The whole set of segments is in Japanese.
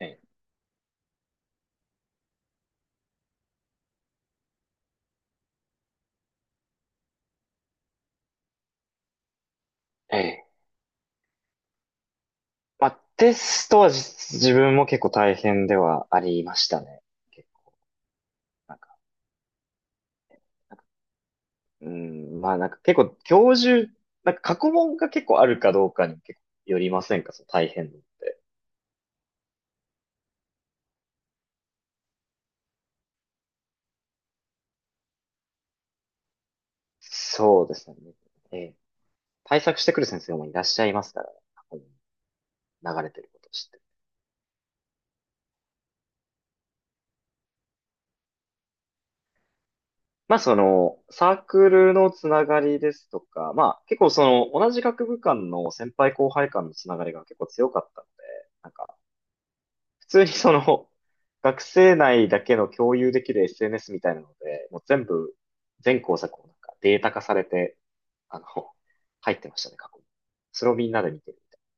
ええ。ええ、まあ、テストは、自分も結構大変ではありましたね。結構、なんか、うん、まあ、なんか結構教授、なんか過去問が結構あるかどうかに結構よりませんか、その大変度って？そうですね。ええ。対策してくる先生もいらっしゃいますからね、過去問流れてることを知って。まあ、その、サークルのつながりですとか、まあ結構その、同じ学部間の先輩後輩間のつながりが結構強かったので、なんか、普通にその、学生内だけの共有できる SNS みたいなので、もう全部、全工作をなんかデータ化されて、あの、入ってましたね、過去に。それをみんなで見てるみたいな。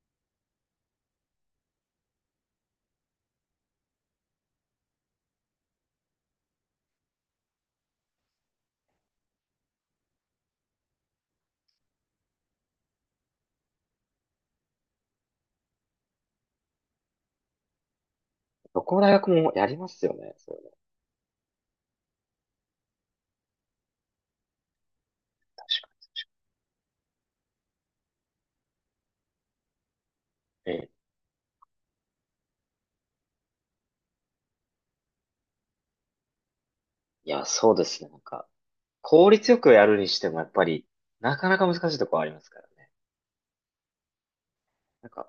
どこの大学もやりますよね、そういうの。ええ。いや、そうですね、なんか、効率よくやるにしてもやっぱり、なかなか難しいところありますからね。なんか、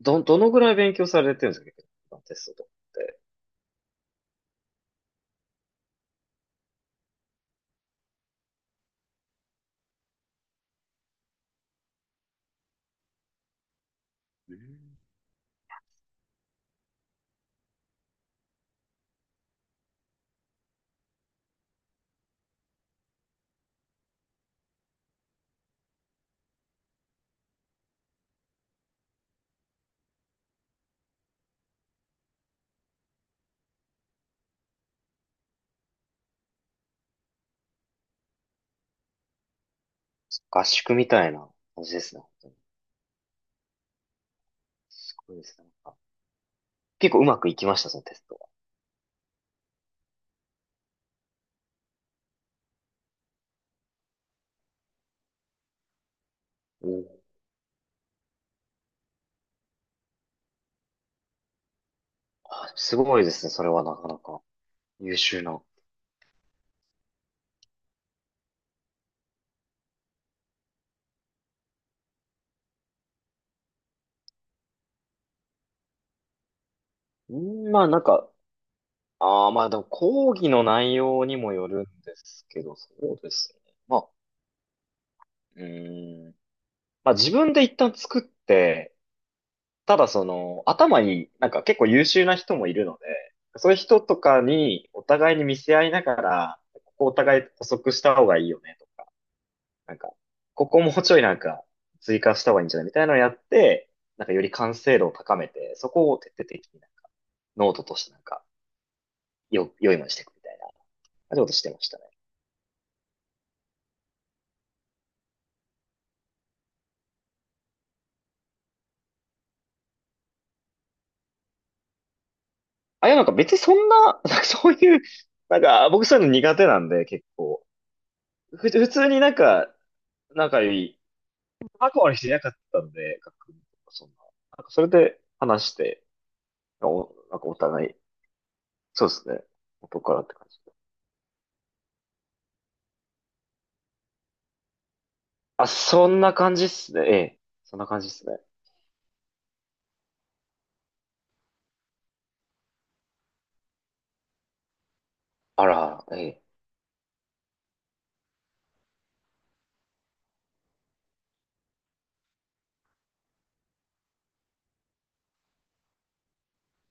どのぐらい勉強されてるんですか、結構、テストとかって？うん。合宿みたいな感じですね、本当に。すごいですね。なんか結構うまくいきました、そのテスト？お、あ、すごいですね。それはなかなか優秀な。うん、まあ、なんか、ああ、まあ、でも講義の内容にもよるんですけど、そうですね。まあ、うん。まあ自分で一旦作って、ただその頭になんか結構優秀な人もいるので、そういう人とかにお互いに見せ合いながら、ここお互い補足した方がいいよねとか、なんか、ここもうちょいなんか追加した方がいいんじゃないみたいなのをやって、なんかより完成度を高めて、そこを徹底的になんか、ノートとしてなんか、良いものにしていくみたいな、そういうことしてましたね。あ、いや、なんか別にそんな、なんかそういう、なんか僕そういうの苦手なんで結構、普通になんか、仲良い、仲悪い人いなかったんで、学部とかそんな。なんかそれで話して、お、なんかお互い、そうですね。元からって感じで。あ、そんな感じっすね。ええ。そんな感じっすね。あら、ええ、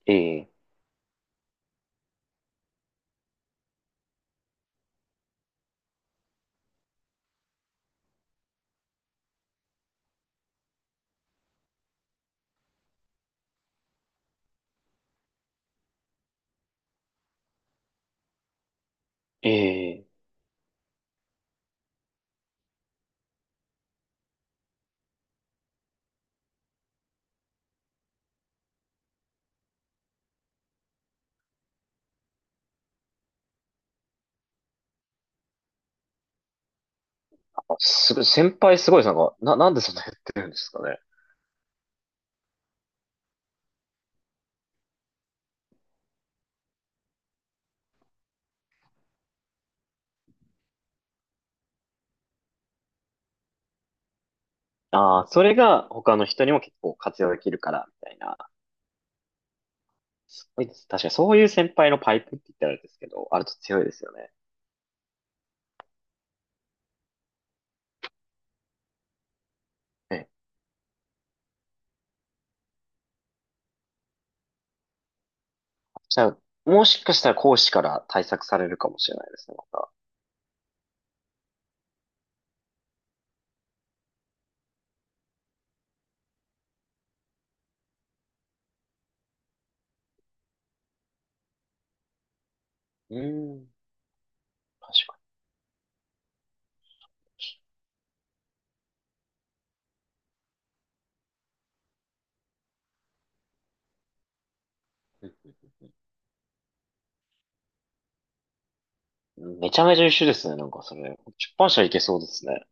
ええ、ええ、あ、すごい、先輩すごいです。なんか、なんでそんなやってるんですかね。ああ、それが他の人にも結構活用できるから、みたいな。すごいです。確かにそういう先輩のパイプって言ったらあれですけど、あると強いですよね。ええ。じゃあ、もしかしたら講師から対策されるかもしれないですね、また。うーん、確かに。うん、めちゃめちゃ優秀ですね、なんかそれ。出版社いけそうですね。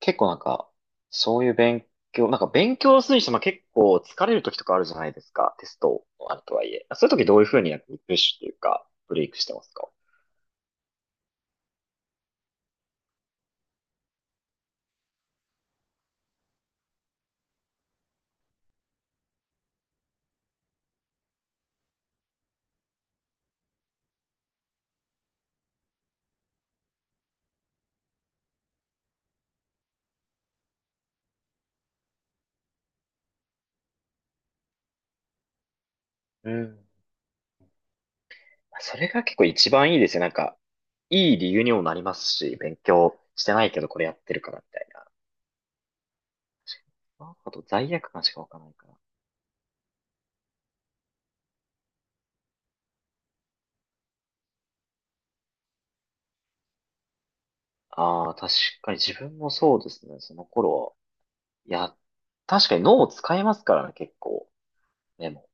結構なんか、そういう勉強、なんか勉強するにしても結構疲れる時とかあるじゃないですか。テストのあるとはいえ。そういう時どういうふうになんかリフレッシュっていうか、ブレイクしてますか？うん。それが結構一番いいですよ。なんか、いい理由にもなりますし、勉強してないけどこれやってるからみたいな。あと罪悪感しかわかないから。ああ、確かに自分もそうですね。その頃は。いや、確かに脳を使いますからね、結構。でも。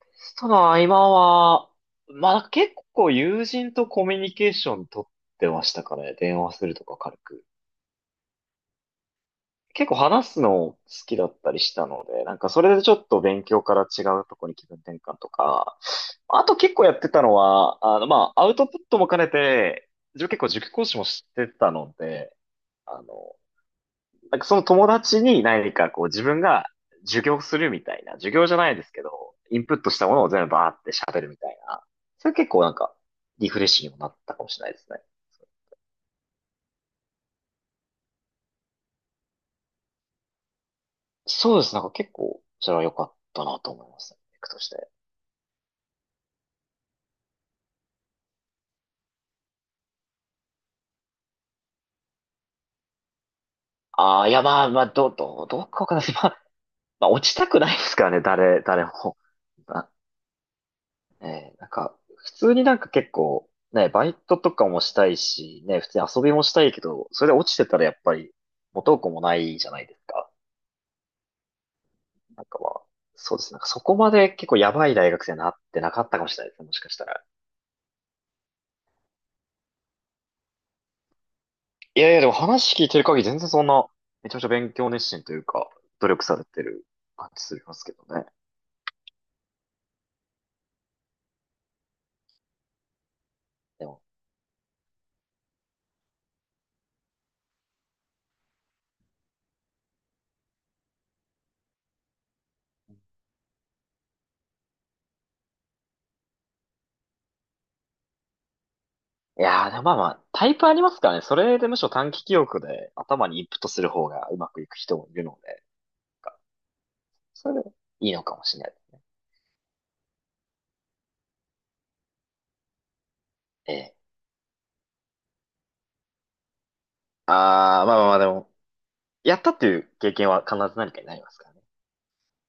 テストの合間は、まあ結構友人とコミュニケーション取ってましたからね、電話するとか軽く。結構話すの好きだったりしたので、なんかそれでちょっと勉強から違うとこに気分転換とか、あと結構やってたのは、あの、まあ、アウトプットも兼ねて、自分結構塾講師もしてたので、あの、なんかその友達に何かこう自分が授業するみたいな、授業じゃないですけど、インプットしたものを全部バーって喋るみたいな。それ結構なんか、リフレッシュにもなったかもしれないですね。そうです。なんか結構、それは良かったなと思いますね。テクとして。ああ、いや、まあ、まあ、どうかわかんないです。まあ、まあ、落ちたくないですからね、誰も。なえーなんか、普通になんか結構、ね、バイトとかもしたいし、ね、普通に遊びもしたいけど、それで落ちてたらやっぱり、元も子もないじゃないですか。なんか、まあ、そうですね。なんかそこまで結構やばい大学生になってなかったかもしれないですね。もしかしたら。いやいや、でも話聞いてる限り全然そんな、めちゃめちゃ勉強熱心というか、努力されてる感じすりますけどね。でも。いやー、でもまあまあ、タイプありますからね。それでむしろ短期記憶で頭にインプットする方がうまくいく人もいるので、なんかそれでいいのかもしれないですね。ええ。あー、まあ、まあ、まあ、でも、やったっていう経験は必ず何かになりますからね。